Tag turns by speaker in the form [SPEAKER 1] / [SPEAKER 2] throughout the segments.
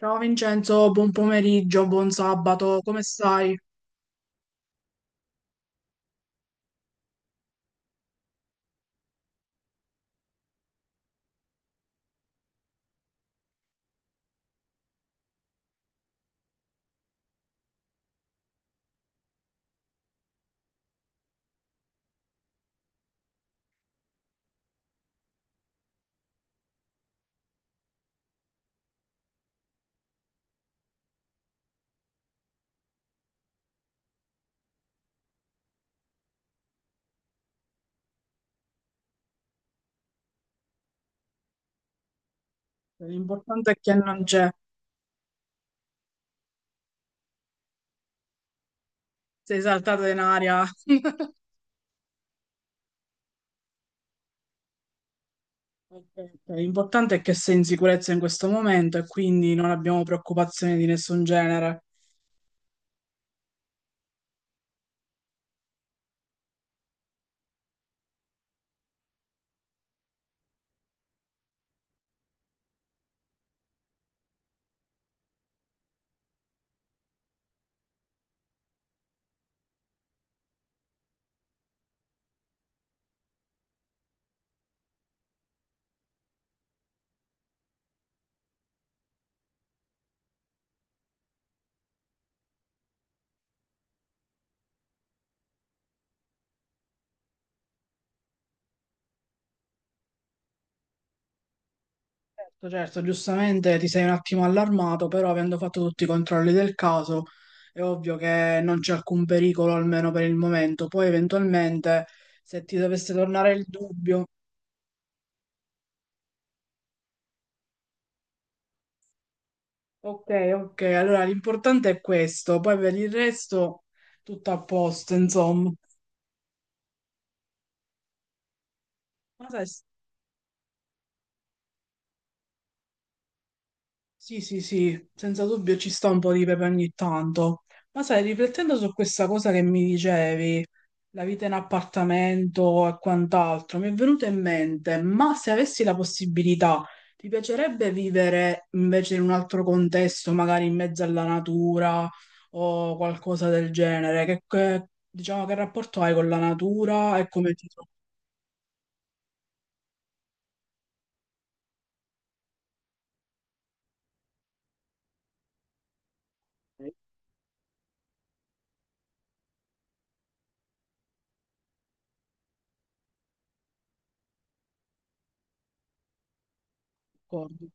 [SPEAKER 1] Ciao Vincenzo, buon pomeriggio, buon sabato, come stai? L'importante è che non c'è, sei saltata in aria. Ok, ok. L'importante è che sei in sicurezza in questo momento e quindi non abbiamo preoccupazioni di nessun genere. Certo, certo, giustamente ti sei un attimo allarmato, però avendo fatto tutti i controlli del caso è ovvio che non c'è alcun pericolo, almeno per il momento. Poi eventualmente, se ti dovesse tornare il dubbio. Ok, ok, allora l'importante è questo, poi per il resto tutto a posto, insomma. Ma sai. Sì, sì, sì, senza dubbio ci sta un po' di pepe ogni tanto. Ma sai, riflettendo su questa cosa che mi dicevi, la vita in appartamento e quant'altro, mi è venuto in mente, ma se avessi la possibilità, ti piacerebbe vivere invece in un altro contesto, magari in mezzo alla natura o qualcosa del genere? Diciamo, che rapporto hai con la natura e come ti trovi?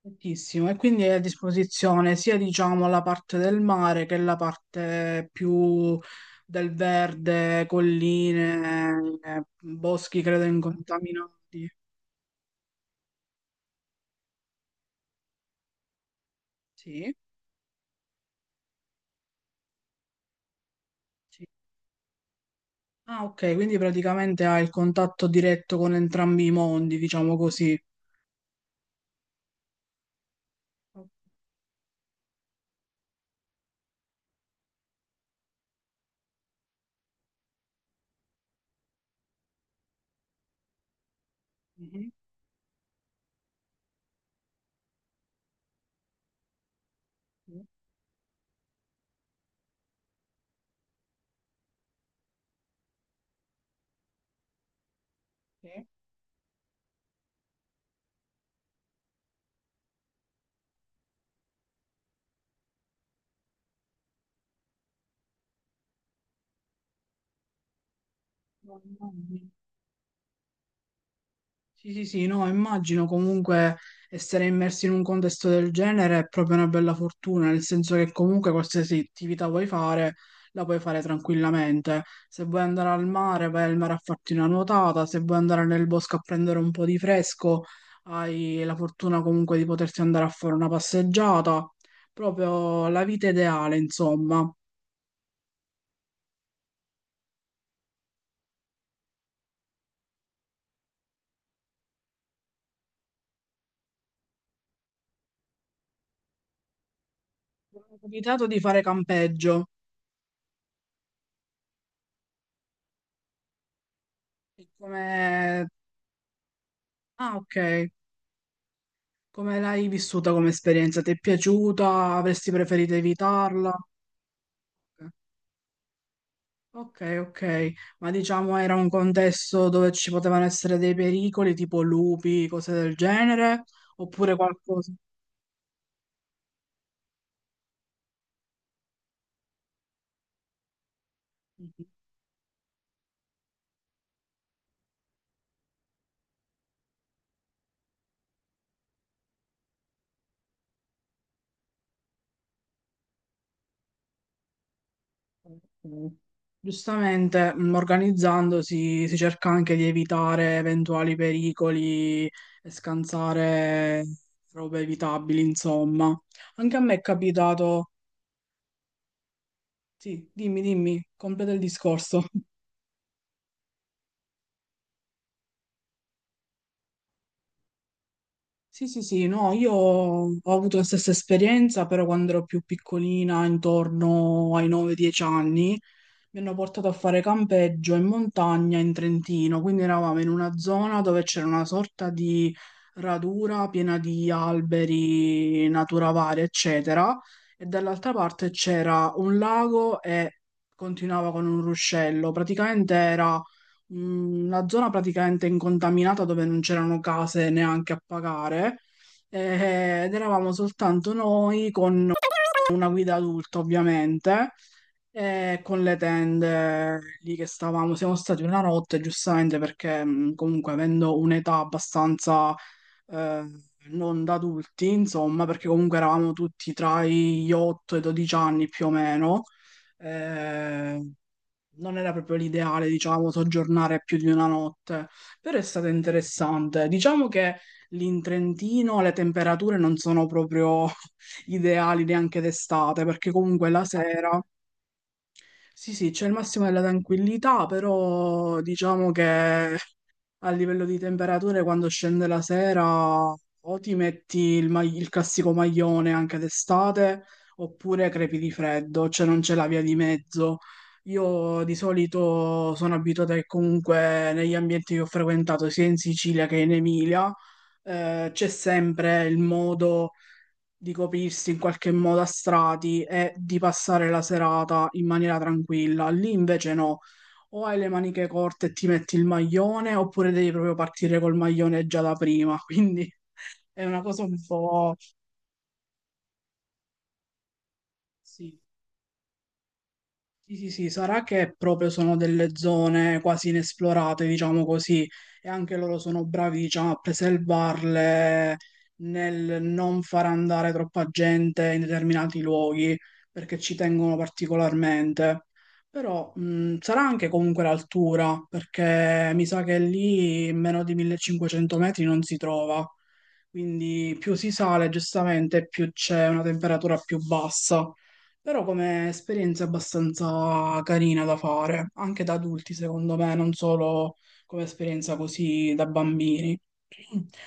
[SPEAKER 1] Tantissimo, e quindi è a disposizione sia diciamo la parte del mare che la parte più del verde, colline, boschi credo incontaminati. Sì, sì. Ah, ok, quindi praticamente hai il contatto diretto con entrambi i mondi, diciamo così. Ok, sì, sì. Sì, sì, sì, no, immagino comunque essere immersi in un contesto del genere è proprio una bella fortuna, nel senso che comunque qualsiasi attività vuoi fare, la puoi fare tranquillamente. Se vuoi andare al mare, vai al mare a farti una nuotata, se vuoi andare nel bosco a prendere un po' di fresco, hai la fortuna comunque di poterti andare a fare una passeggiata, proprio la vita ideale, insomma. Mi è capitato di fare campeggio, e come. Ah, ok. Come l'hai vissuta come esperienza? Ti è piaciuta? Avresti preferito evitarla? Ok, ok, ok. Ma diciamo era un contesto dove ci potevano essere dei pericoli tipo lupi, cose del genere, oppure qualcosa. Ok. Giustamente, organizzandosi si cerca anche di evitare eventuali pericoli e scansare robe evitabili, insomma. Anche a me è capitato. Sì, dimmi, dimmi, completa il discorso. Sì, sì, sì, no, io ho avuto la stessa esperienza, però quando ero più piccolina, intorno ai 9-10 anni, mi hanno portato a fare campeggio in montagna in Trentino, quindi eravamo in una zona dove c'era una sorta di radura piena di alberi, natura varia, eccetera, e dall'altra parte c'era un lago e continuava con un ruscello, praticamente era la zona praticamente incontaminata dove non c'erano case neanche a pagare ed eravamo soltanto noi con una guida adulta ovviamente e con le tende lì che stavamo. Siamo stati una notte giustamente perché comunque avendo un'età abbastanza eh, non da adulti insomma perché comunque eravamo tutti tra gli 8 e i 12 anni più o meno. Eh, Non era proprio l'ideale, diciamo, soggiornare più di una notte, però è stato interessante. Diciamo che lì in Trentino le temperature non sono proprio ideali neanche d'estate, perché comunque la sera, sì, sì, c'è il massimo della tranquillità, però diciamo che a livello di temperature, quando scende la sera, o ti metti il classico maglione anche d'estate, oppure crepi di freddo, cioè non c'è la via di mezzo. Io di solito sono abituata che comunque negli ambienti che ho frequentato, sia in Sicilia che in Emilia, c'è sempre il modo di coprirsi in qualche modo a strati e di passare la serata in maniera tranquilla. Lì invece no, o hai le maniche corte e ti metti il maglione, oppure devi proprio partire col maglione già da prima. Quindi è una cosa un po'. Sì. Sì, sì, sì, sarà che proprio sono delle zone quasi inesplorate, diciamo così, e anche loro sono bravi, diciamo, a preservarle nel non far andare troppa gente in determinati luoghi, perché ci tengono particolarmente. Però sarà anche comunque l'altura, perché mi sa che lì meno di 1500 metri non si trova, quindi più si sale, giustamente, più c'è una temperatura più bassa. Però come esperienza è abbastanza carina da fare, anche da adulti secondo me, non solo come esperienza così da bambini.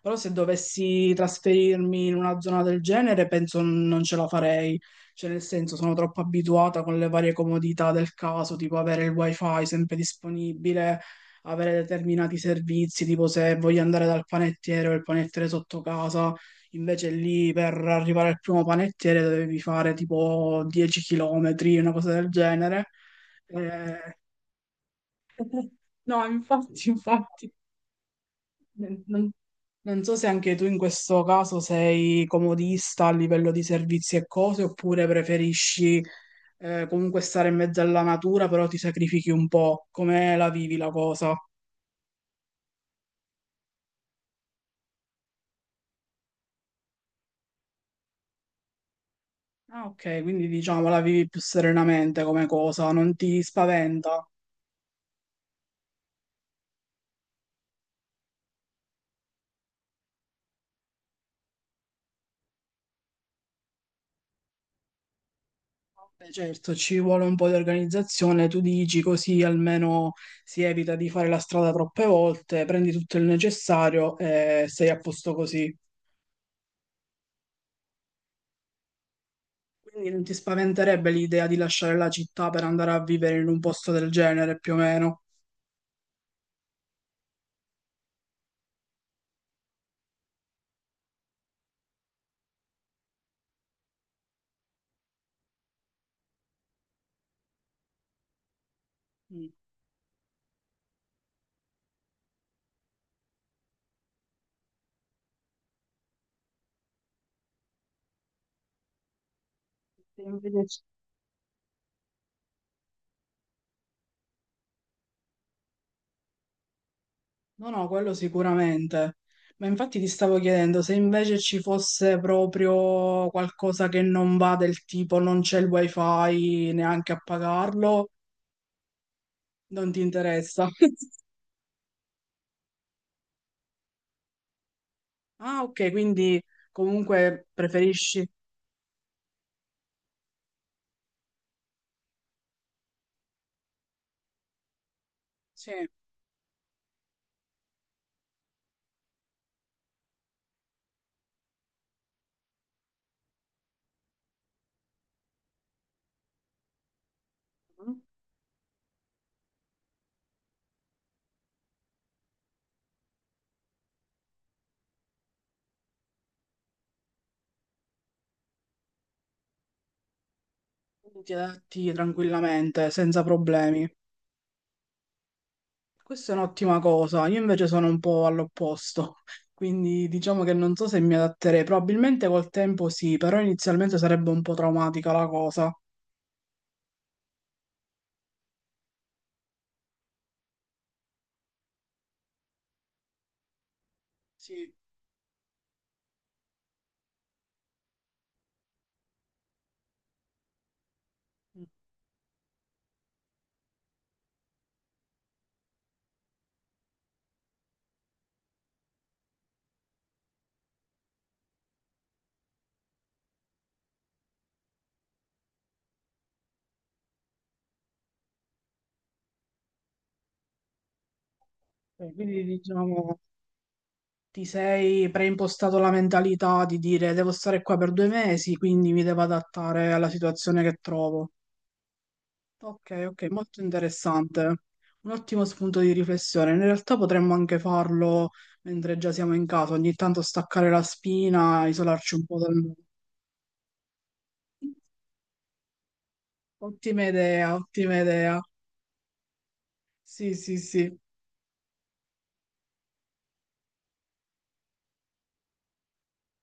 [SPEAKER 1] Però se dovessi trasferirmi in una zona del genere, penso non ce la farei. Cioè, nel senso, sono troppo abituata con le varie comodità del caso, tipo avere il wifi sempre disponibile, avere determinati servizi, tipo se voglio andare dal panettiere o il panettiere sotto casa, invece lì per arrivare al primo panettiere dovevi fare tipo 10 km, una cosa del genere. Eh, no, infatti, infatti, non, Non so se anche tu in questo caso sei comodista a livello di servizi e cose, oppure preferisci comunque stare in mezzo alla natura, però ti sacrifichi un po'. Come la vivi la cosa? Ah, ok, quindi diciamo la vivi più serenamente come cosa, non ti spaventa? Vabbè, certo, ci vuole un po' di organizzazione, tu dici così almeno si evita di fare la strada troppe volte, prendi tutto il necessario e sei a posto così. Quindi non ti spaventerebbe l'idea di lasciare la città per andare a vivere in un posto del genere, più o meno? Mm. Se invece ci- No, no, quello sicuramente. Ma infatti ti stavo chiedendo se invece ci fosse proprio qualcosa che non va del tipo non c'è il wifi neanche a pagarlo, non ti interessa. Ah, ok, quindi comunque preferisci. Sì. Quindi ti adatti tranquillamente, senza problemi. Questa è un'ottima cosa, io invece sono un po' all'opposto, quindi diciamo che non so se mi adatterei, probabilmente col tempo sì, però inizialmente sarebbe un po' traumatica la cosa. Sì. Ok, quindi diciamo ti sei preimpostato la mentalità di dire devo stare qua per 2 mesi, quindi mi devo adattare alla situazione che trovo. Ok, ok, molto interessante. Un ottimo spunto di riflessione. In realtà potremmo anche farlo mentre già siamo in casa, ogni tanto staccare la spina, isolarci un po' dal mondo. Ottima idea, ottima idea. Sì, sì, sì.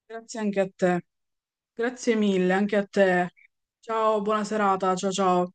[SPEAKER 1] Grazie anche a te. Grazie mille anche a te. Ciao, buona serata. Ciao, ciao.